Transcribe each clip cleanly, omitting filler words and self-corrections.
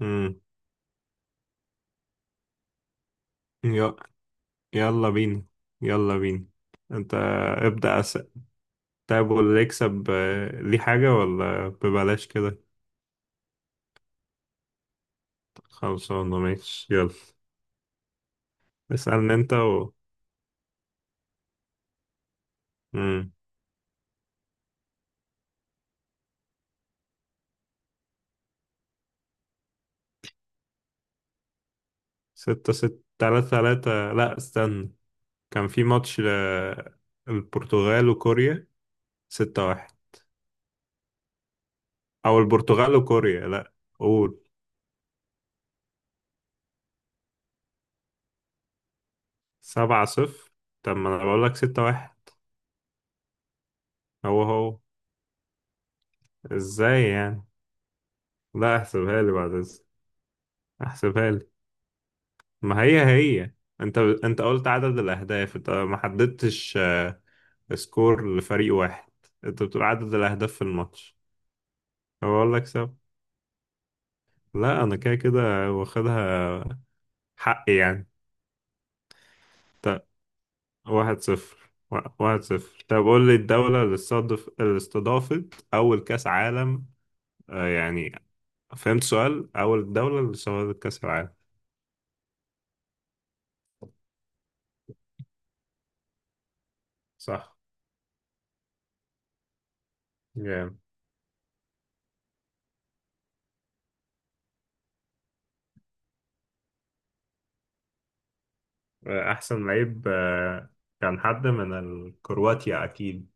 امم ي- يلا بينا، يلا بينا. انت، ابدأ اسأل. طيب، واللي يكسب ليه حاجة ولا ببلاش كده؟ خلصانة، ماشي يلا. اسألني انت. امم ستة ستة، تلاتة تلاتة، لا استنى. كان في ماتش. البرتغال وكوريا، 6-1. او البرتغال وكوريا، لا. قول. 7-0؟ طب ما انا بقولك 6-1. هو هو، ازاي يعني؟ لا احسبها لي بعد اذنك. احسبها لي. ما هي هي. انت قلت عدد الاهداف، انت ما حددتش سكور لفريق واحد. انت بتقول عدد الاهداف في الماتش. بقول لك. لا، انا كده كده واخدها، حقي يعني. طب 1-0 ، 1-0. طب قول لي الدولة اللي استضف اللي استضافت أول كأس عالم. يعني، فهمت سؤال، أول دولة اللي استضافت كأس العالم. صح، جامد. أحسن لعيب، كان حد من الكرواتيا أكيد،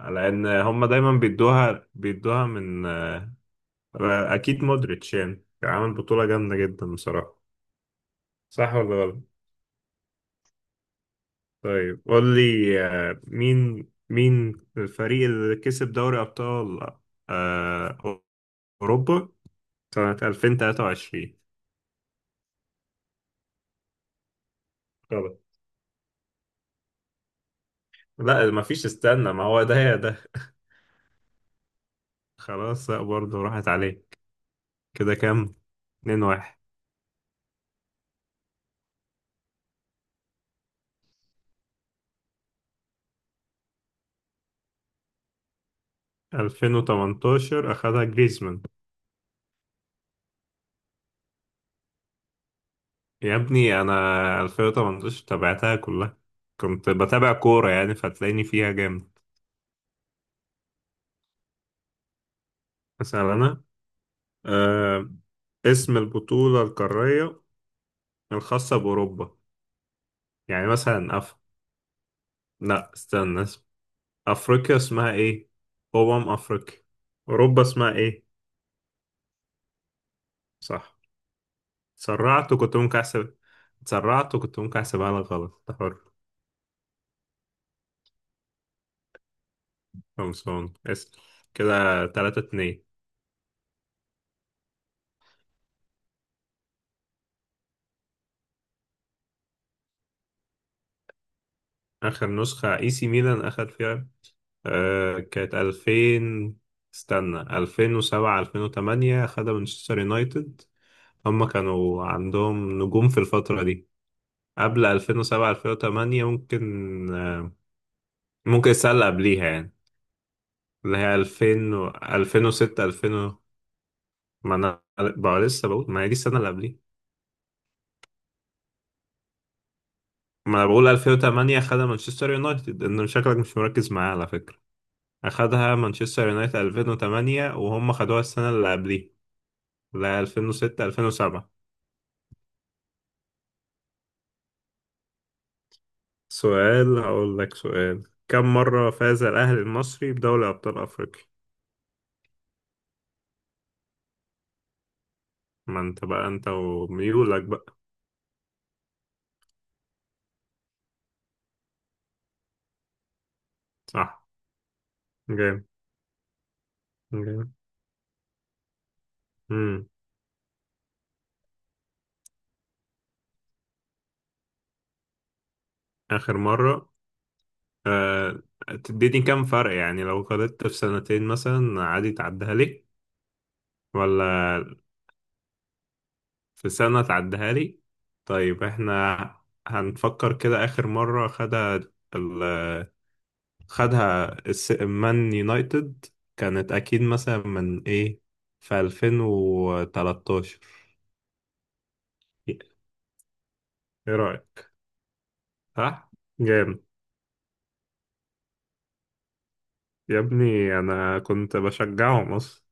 لان هم دايما بيدوها بيدوها من. اكيد مودريتش، يعني عامل بطولة جامدة جدا بصراحة. صح ولا غلط؟ طيب قول لي مين الفريق اللي كسب دوري ابطال آه، اوروبا سنة 2023. غلط. لا ما فيش، استنى، ما هو ده يا ده. خلاص لا، برضه راحت عليك. كده كام؟ 2-1. 2018 اخدها جريزمان. يا ابني انا، 2018 تابعتها كلها، كنت بتابع كورة يعني فتلاقيني فيها جامد. مثلا انا آه اسم البطولة القارية الخاصة بأوروبا. يعني مثلا لا استنى اسم. أفريقيا اسمها ايه؟ أمم أفريقيا. أوروبا اسمها ايه؟ صح. تسرعت وكنت ممكن أحسب. تسرعت وكنت ممكن أحسبها لك غلط، ده حر. خلصان، اسأل. كده 3-2. آخر نسخة اي سي ميلان أخد فيها، كانت 2000. استنى، 2007 2008 خدها مانشستر يونايتد. هم كانوا عندهم نجوم في الفترة دي. قبل 2007 2008، ممكن، ممكن السنة اللي قبليها يعني، اللي هي 2000 و... 2006، 2000. ما انا بقى لسه بقول ما هي دي السنة اللي قبليها. ما انا بقول 2008 خدها مانشستر يونايتد، ان شكلك مش مركز معايا على فكرة. اخدها مانشستر يونايتد 2008، وهم خدوها السنة اللي قبليها، لا 2006 2007. سؤال، هقول لك سؤال. كم مرة فاز الأهلي المصري بدوري أبطال أفريقيا؟ ما أنت بقى أنت وميولك بقى. صح، جامد. جامد. مم. آخر مرة آه... تديني كم فرق يعني؟ لو غلطت في سنتين مثلا عادي تعديها لي؟ ولا في سنة تعديها لي؟ طيب، احنا هنفكر كده. آخر مرة خدها ال- خدها مان يونايتد. كانت أكيد مثلا من إيه، في 2013. إيه رأيك؟ صح؟ جامد. يا ابني أنا كنت بشجعهم أصلا.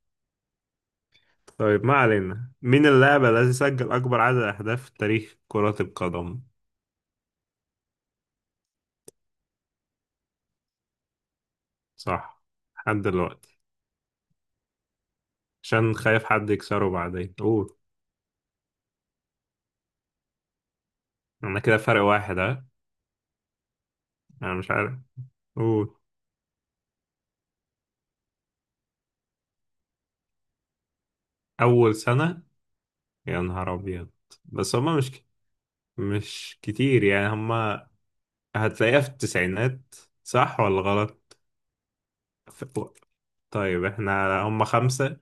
طيب ما علينا، مين اللاعب الذي سجل أكبر عدد أهداف في تاريخ كرة القدم؟ صح، لحد دلوقتي. عشان خايف حد يكسره بعدين، قول. أنا كده فرق واحد أه. أنا مش عارف، قول. أول سنة. يا نهار أبيض. بس هما مش كتير يعني هم. هتلاقيها في التسعينات، صح ولا غلط؟ ف- طيب احنا هم خمسة.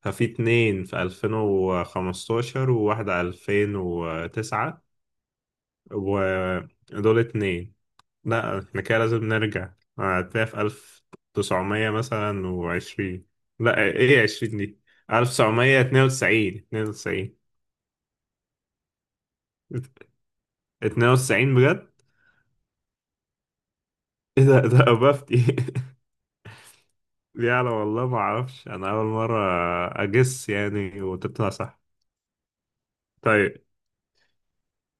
ففي اتنين في 2015 وواحدة 2009، ودول اتنين. لا احنا كده لازم نرجع. هتلاقيها في 1900 مثلا وعشرين. لا، ايه عشرين دي؟ 1992، 92، 92 بجد. ايه ده أبافتي دي أنا والله ما أعرفش، أنا أول مرة أجس يعني وتطلع صح. طيب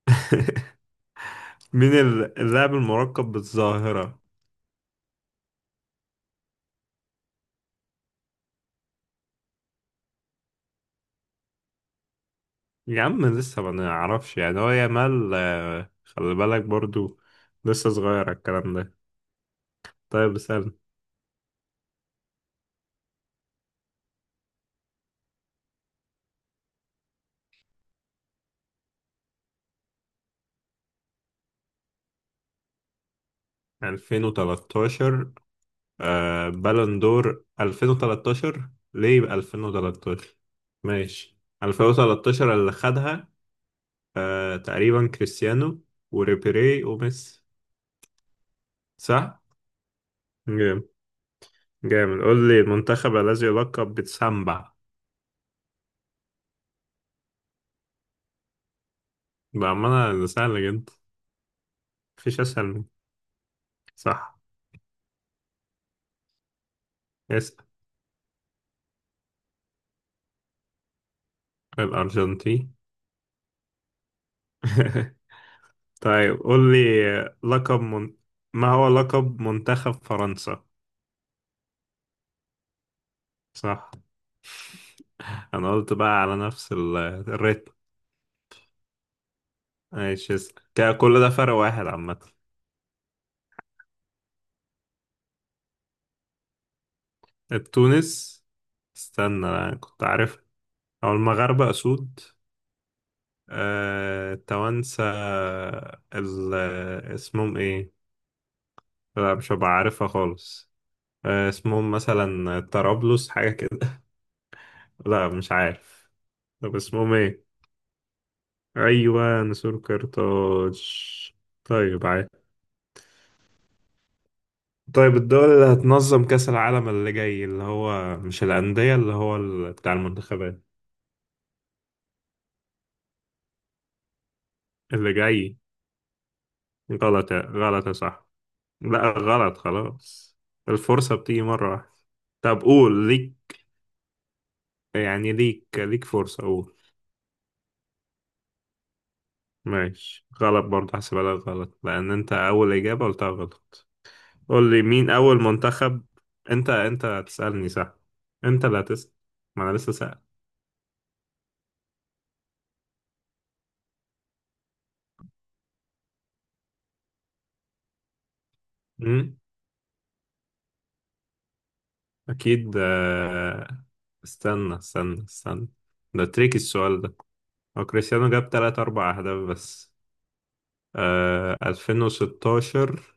مين اللاعب المركب بالظاهرة؟ يا عم لسه ما نعرفش يعني، هو يامال خلي بالك برضو لسه صغير على الكلام ده. طيب سنة 2013، بالون دور 2013. ليه يبقى 2013؟ ماشي. 2013 اللي خدها تقريبا كريستيانو وريبيري وميسي. صح؟ جامد. جامد. قول لي المنتخب الذي يلقب بتسامبا. بأمانة ده سهل جدا. مفيش أسهل من. صح، اسأل. الأرجنتين طيب قول لي، لقب. ما هو لقب منتخب فرنسا؟ صح. أنا قلت بقى على نفس الريتم. ماشي، اسأل. كده كل ده فرق واحد عامة. التونس. استنى أنا كنت عارف. أو المغاربة أسود. التوانسة ال... اسمهم إيه؟ لا مش هبقى عارفها خالص. اسمهم مثلا طرابلس حاجة كده لا مش عارف. طب اسمهم ايه؟ ايوه نسور قرطاج. طيب، عادي. طيب الدول اللي هتنظم كأس العالم اللي جاي، اللي هو مش الأندية، اللي هو بتاع المنتخبات. اللي جاي. غلط، غلط يا صح. لا غلط، خلاص. الفرصة بتيجي مرة واحدة. طب قول ليك. يعني ليك فرصة، قول. ماشي، غلط برضه هحسبها لك غلط، لأن أنت أول إجابة قلتها غلط. قول لي مين أول منتخب. أنت هتسألني، صح. أنت اللي هتسأل. ما أنا لسه سأل. أمم، أكيد، استنى استنى استنى. ده تريكي السؤال ده. هو كريستيانو جاب تلات أربع أهداف بس. 2016.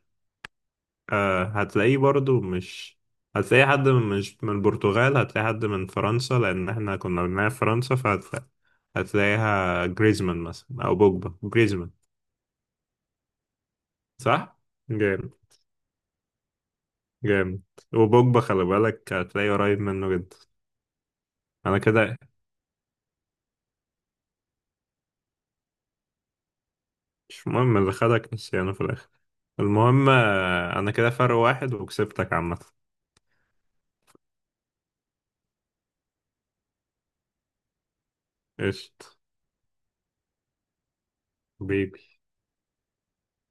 هتلاقيه برضو مش، هتلاقي حد من، مش من البرتغال، هتلاقي حد من فرنسا، لأن احنا كنا بنلعب فرنسا فهتلاقي. هتلاقيها جريزمان مثلا، أو بوجبا جريزمان. صح؟ جامد. جامد. وبوجبا خلي بالك هتلاقيه قريب منه جدا. انا كده. مش مهم اللي خدك نسيانه في الاخر. المهم انا كده فرق واحد وكسبتك عامة. قشط. بيبي.